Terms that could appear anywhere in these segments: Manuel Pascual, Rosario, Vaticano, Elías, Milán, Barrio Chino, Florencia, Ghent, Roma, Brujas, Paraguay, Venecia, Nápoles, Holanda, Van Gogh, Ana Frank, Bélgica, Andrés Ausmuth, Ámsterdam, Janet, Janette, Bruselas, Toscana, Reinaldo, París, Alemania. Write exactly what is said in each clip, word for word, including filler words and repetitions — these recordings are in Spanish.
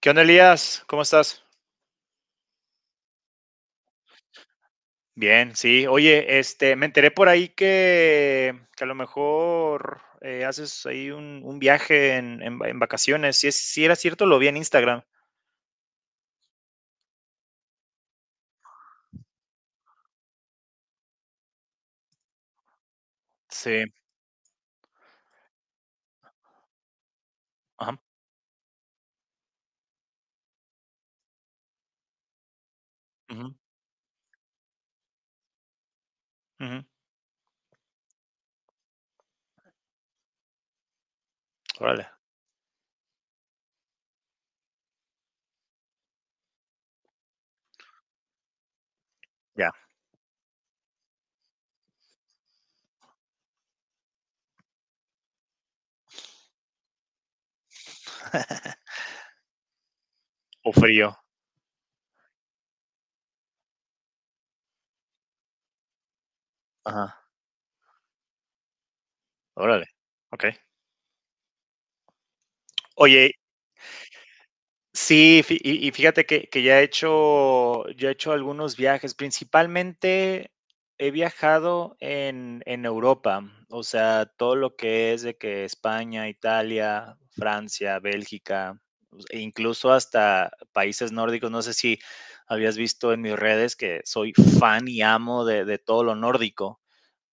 ¿Qué onda, Elías? ¿Cómo estás? Bien, sí. Oye, este, me enteré por ahí que, que a lo mejor eh, haces ahí un, un viaje en, en va- en vacaciones. Si, es, si era cierto, lo vi en Instagram. Sí. Ajá. Ujú. Ujú. Órale. Ya. O frío. Ajá. Órale. Ok. Oye, sí, fi y y fíjate que que ya he hecho ya he hecho algunos viajes, principalmente he viajado en en Europa, o sea, todo lo que es de que España, Italia, Francia, Bélgica, us- e incluso hasta países nórdicos. No sé si habías visto en mis redes que soy fan y amo de de todo lo nórdico,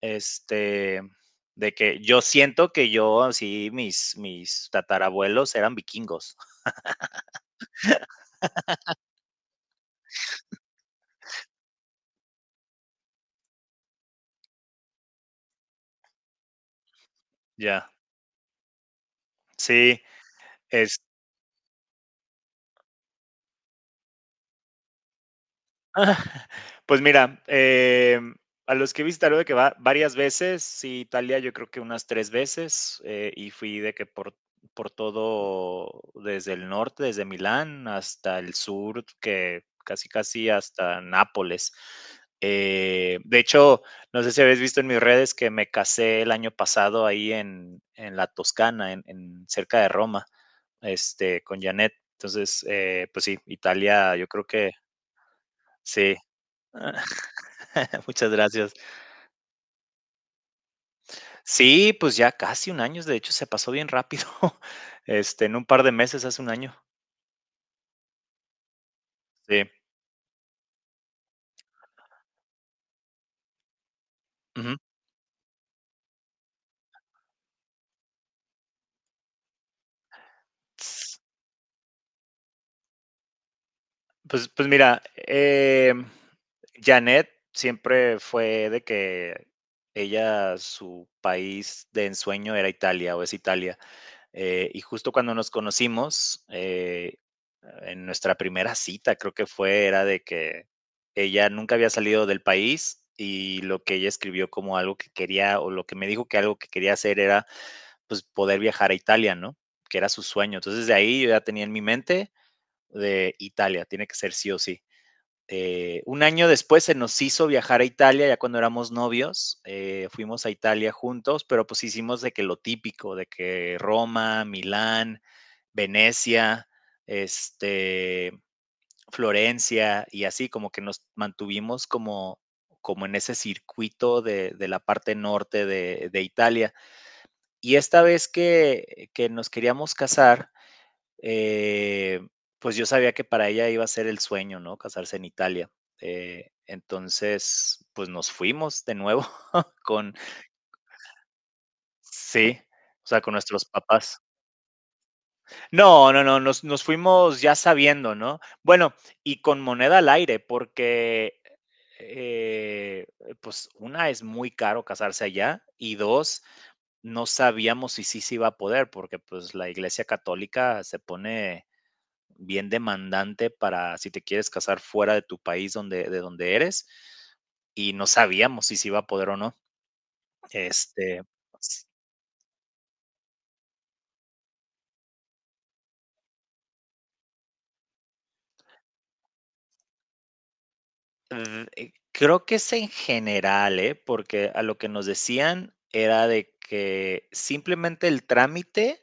este, de que yo siento que yo, así, mis mis tatarabuelos eran vikingos. Ya, sí. Es Pues mira, em, a los que he visitado de que va varias veces, sí, Italia yo creo que unas tres veces. Eh, y fui de que por por todo desde el norte, desde Milán hasta el sur, que casi, casi hasta Nápoles. Eh, de hecho, no sé si habéis visto en mis redes que me casé el año pasado ahí en en la Toscana, en en cerca de Roma, este, con Janet. Entonces, eh, pues sí, Italia, yo creo que. Sí, muchas gracias. Sí, pues ya casi un año, de hecho, se pasó bien rápido. Este, en un par de meses hace un año. Sí. Ujú. S Pues pues mira, em, Janette siempre fue de que ella, su país de ensueño era Italia, o es Italia. Eh, y justo cuando nos conocimos, eh, en nuestra primera cita, creo que fue, era de que ella nunca había salido del país, y lo que ella escribió como algo que quería, o lo que me dijo que algo que quería hacer era, pues, poder viajar a Italia, ¿no? Que era su sueño. Entonces, de ahí yo ya tenía en mi mente de Italia, tiene que ser sí o sí. Eh, un año después se nos hizo viajar a Italia, ya cuando éramos novios, eh, fuimos a Italia juntos, pero pues hicimos de que lo típico, de que Roma, Milán, Venecia, este, Florencia y así, como que nos mantuvimos como, como en ese circuito de, de la parte norte de, de Italia. Y esta vez que, que nos queríamos casar, eh, pues yo sabía que para ella iba a ser el sueño, ¿no? Casarse en Italia. Eh, entonces, pues nos fuimos de nuevo con, sí, o sea, con nuestros papás. No, no, no, nos, nos fuimos ya sabiendo, ¿no? Bueno, y con moneda al aire, porque, eh, pues una, es muy caro casarse allá, y dos, no sabíamos si sí se iba a poder, porque pues la iglesia católica se pone bien demandante para si te quieres casar fuera de tu país donde, de donde eres, y no sabíamos si se iba a poder o no. Este, s- mm, eh, Creo que es en general, ¿eh? Porque a lo que nos decían era de que simplemente el trámite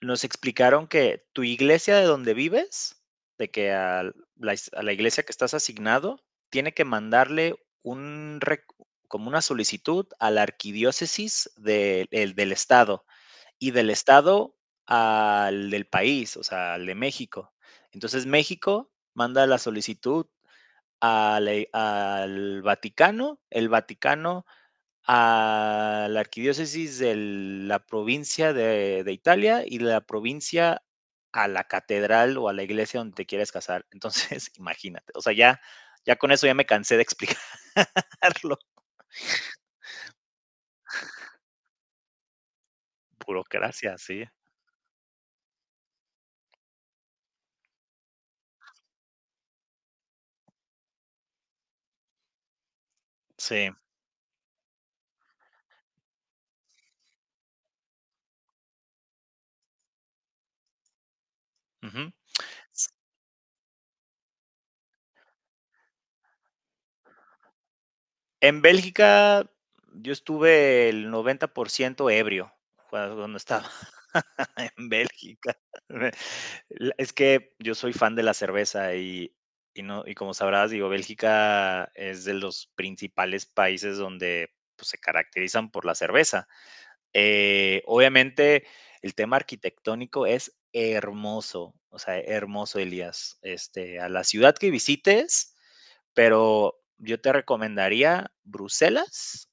nos explicaron que tu iglesia de donde vives, de que a la, a la iglesia que estás asignado, tiene que mandarle un, rec- como una solicitud a la arquidiócesis de- el- del estado, y del estado al del país, o sea, al de México. Entonces México manda la solicitud a la al Vaticano, el Vaticano a la arquidiócesis de la provincia de, de Italia, y de la provincia a la catedral o a la iglesia donde te quieras casar. Entonces, imagínate, o sea, ya, ya con eso ya me cansé de explicarlo. Burocracia, sí. Sí. Ujú. En Bélgica yo estuve el noventa por ciento ebrio cuando cuando estaba. En Bélgica. La Es que yo soy fan de la cerveza, y y no, y como sabrás, digo, Bélgica es de los principales países donde, pues, se caracterizan por la cerveza. Eh, obviamente, el tema arquitectónico es hermoso, o sea, hermoso, Elías. Este, a la ciudad que visites, pero yo te recomendaría Bruselas,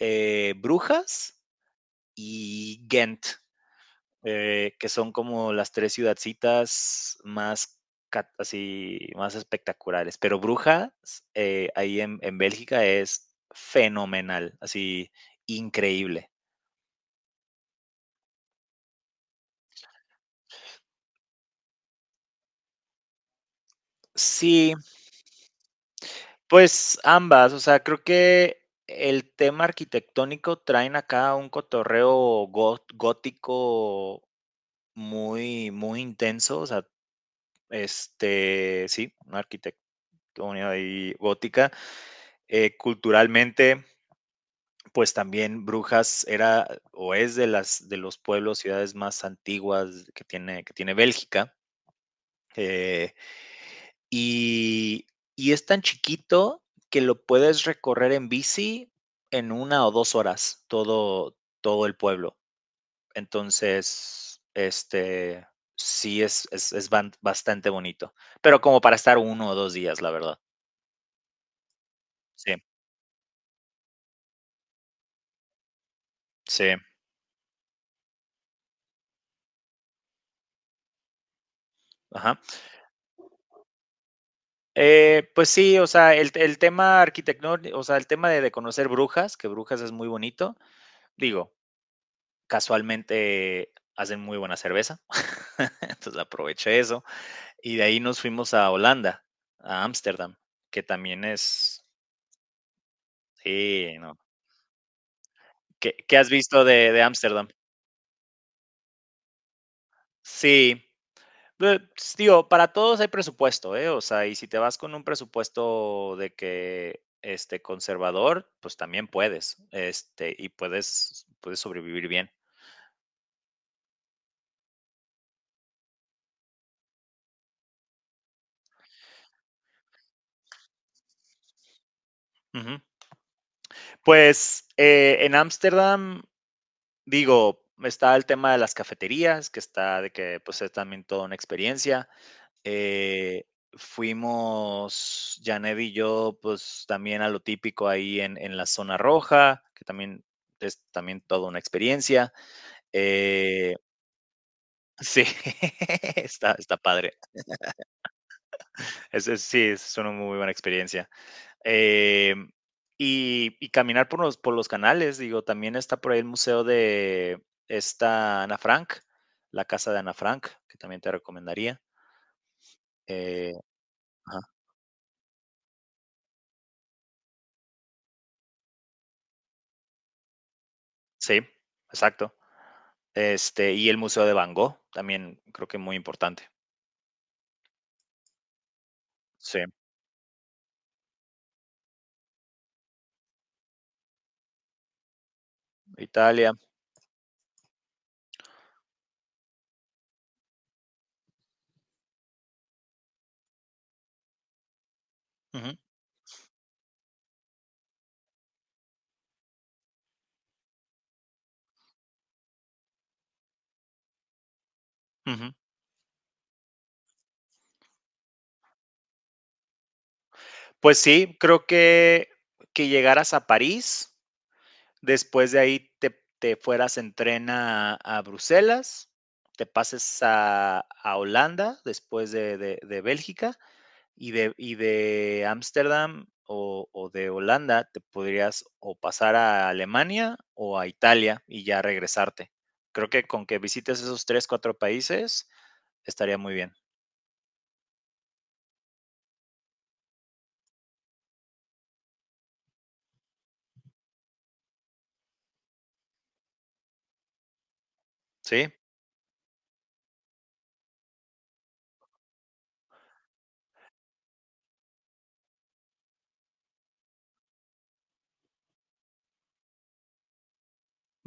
eh, Brujas y Ghent, eh, que son como las tres ciudadcitas más cat- así más espectaculares. Pero Brujas, eh, ahí en, en Bélgica, es fenomenal, así increíble. Sí, pues ambas, o sea, creo que el tema arquitectónico traen acá un cotorreo gó- gótico, muy, muy intenso, o sea, este, sí, una arquitectura ahí gótica. Eh, culturalmente, pues también Brujas era o es de las de los pueblos, ciudades más antiguas que tiene, que tiene Bélgica. eh, y, y es tan chiquito que lo puedes recorrer en bici en una o dos horas, todo, todo el pueblo. Entonces, este sí es, es, es ban- bastante bonito. Pero como para estar uno o dos días, la verdad. Sí, sí. Ajá. Eh, pues sí, o sea, el el tema arquitectón o sea, el tema de de conocer Brujas, que Brujas es muy bonito. Digo, casualmente hacen muy buena cerveza, entonces aproveché eso, y de ahí nos fuimos a Holanda, a Ámsterdam, que también es. Sí, no. ¿Qué qué has visto de de Ámsterdam? Sí. Eh, s Digo, para todos hay presupuesto, ¿eh? O sea, y si te vas con un presupuesto de que, este, conservador, pues también puedes, este, y puedes puedes sobrevivir bien. Ujú. Pues, eh, en Ámsterdam, digo, está el tema de las cafeterías, que está de que, pues, es también toda una experiencia. Eh, Fuimos Janed y yo, pues, también a lo típico ahí en en la zona roja, que también es también toda una experiencia. Eh, sí, está está padre. Es es sí, es una muy buena experiencia. Em, y y caminar por los por los canales, digo, también está por ahí el museo de esta Ana Frank, la casa de Ana Frank, que también te recomendaría. Eh, ajá, sí, exacto. Este, y el museo de Van Gogh, también creo que muy importante. Sí, Italia. Ujú. Ujú. Pues sí, creo que que llegaras a París. Después de ahí te, te fueras en tren a, a Bruselas, te pases a, a Holanda después de, de- de Bélgica, y de, y de Ámsterdam, o, o de Holanda te podrías o pasar a Alemania o a Italia y ya regresarte. Creo que con que visites esos tres, cuatro países, estaría muy bien. Sí,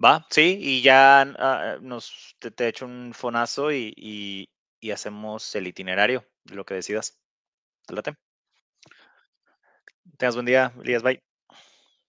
va, sí, y ya ah, nos te, te echo un fonazo, y, y y hacemos el itinerario, lo que decidas. Te late. Tengas buen día, Elías. Bye.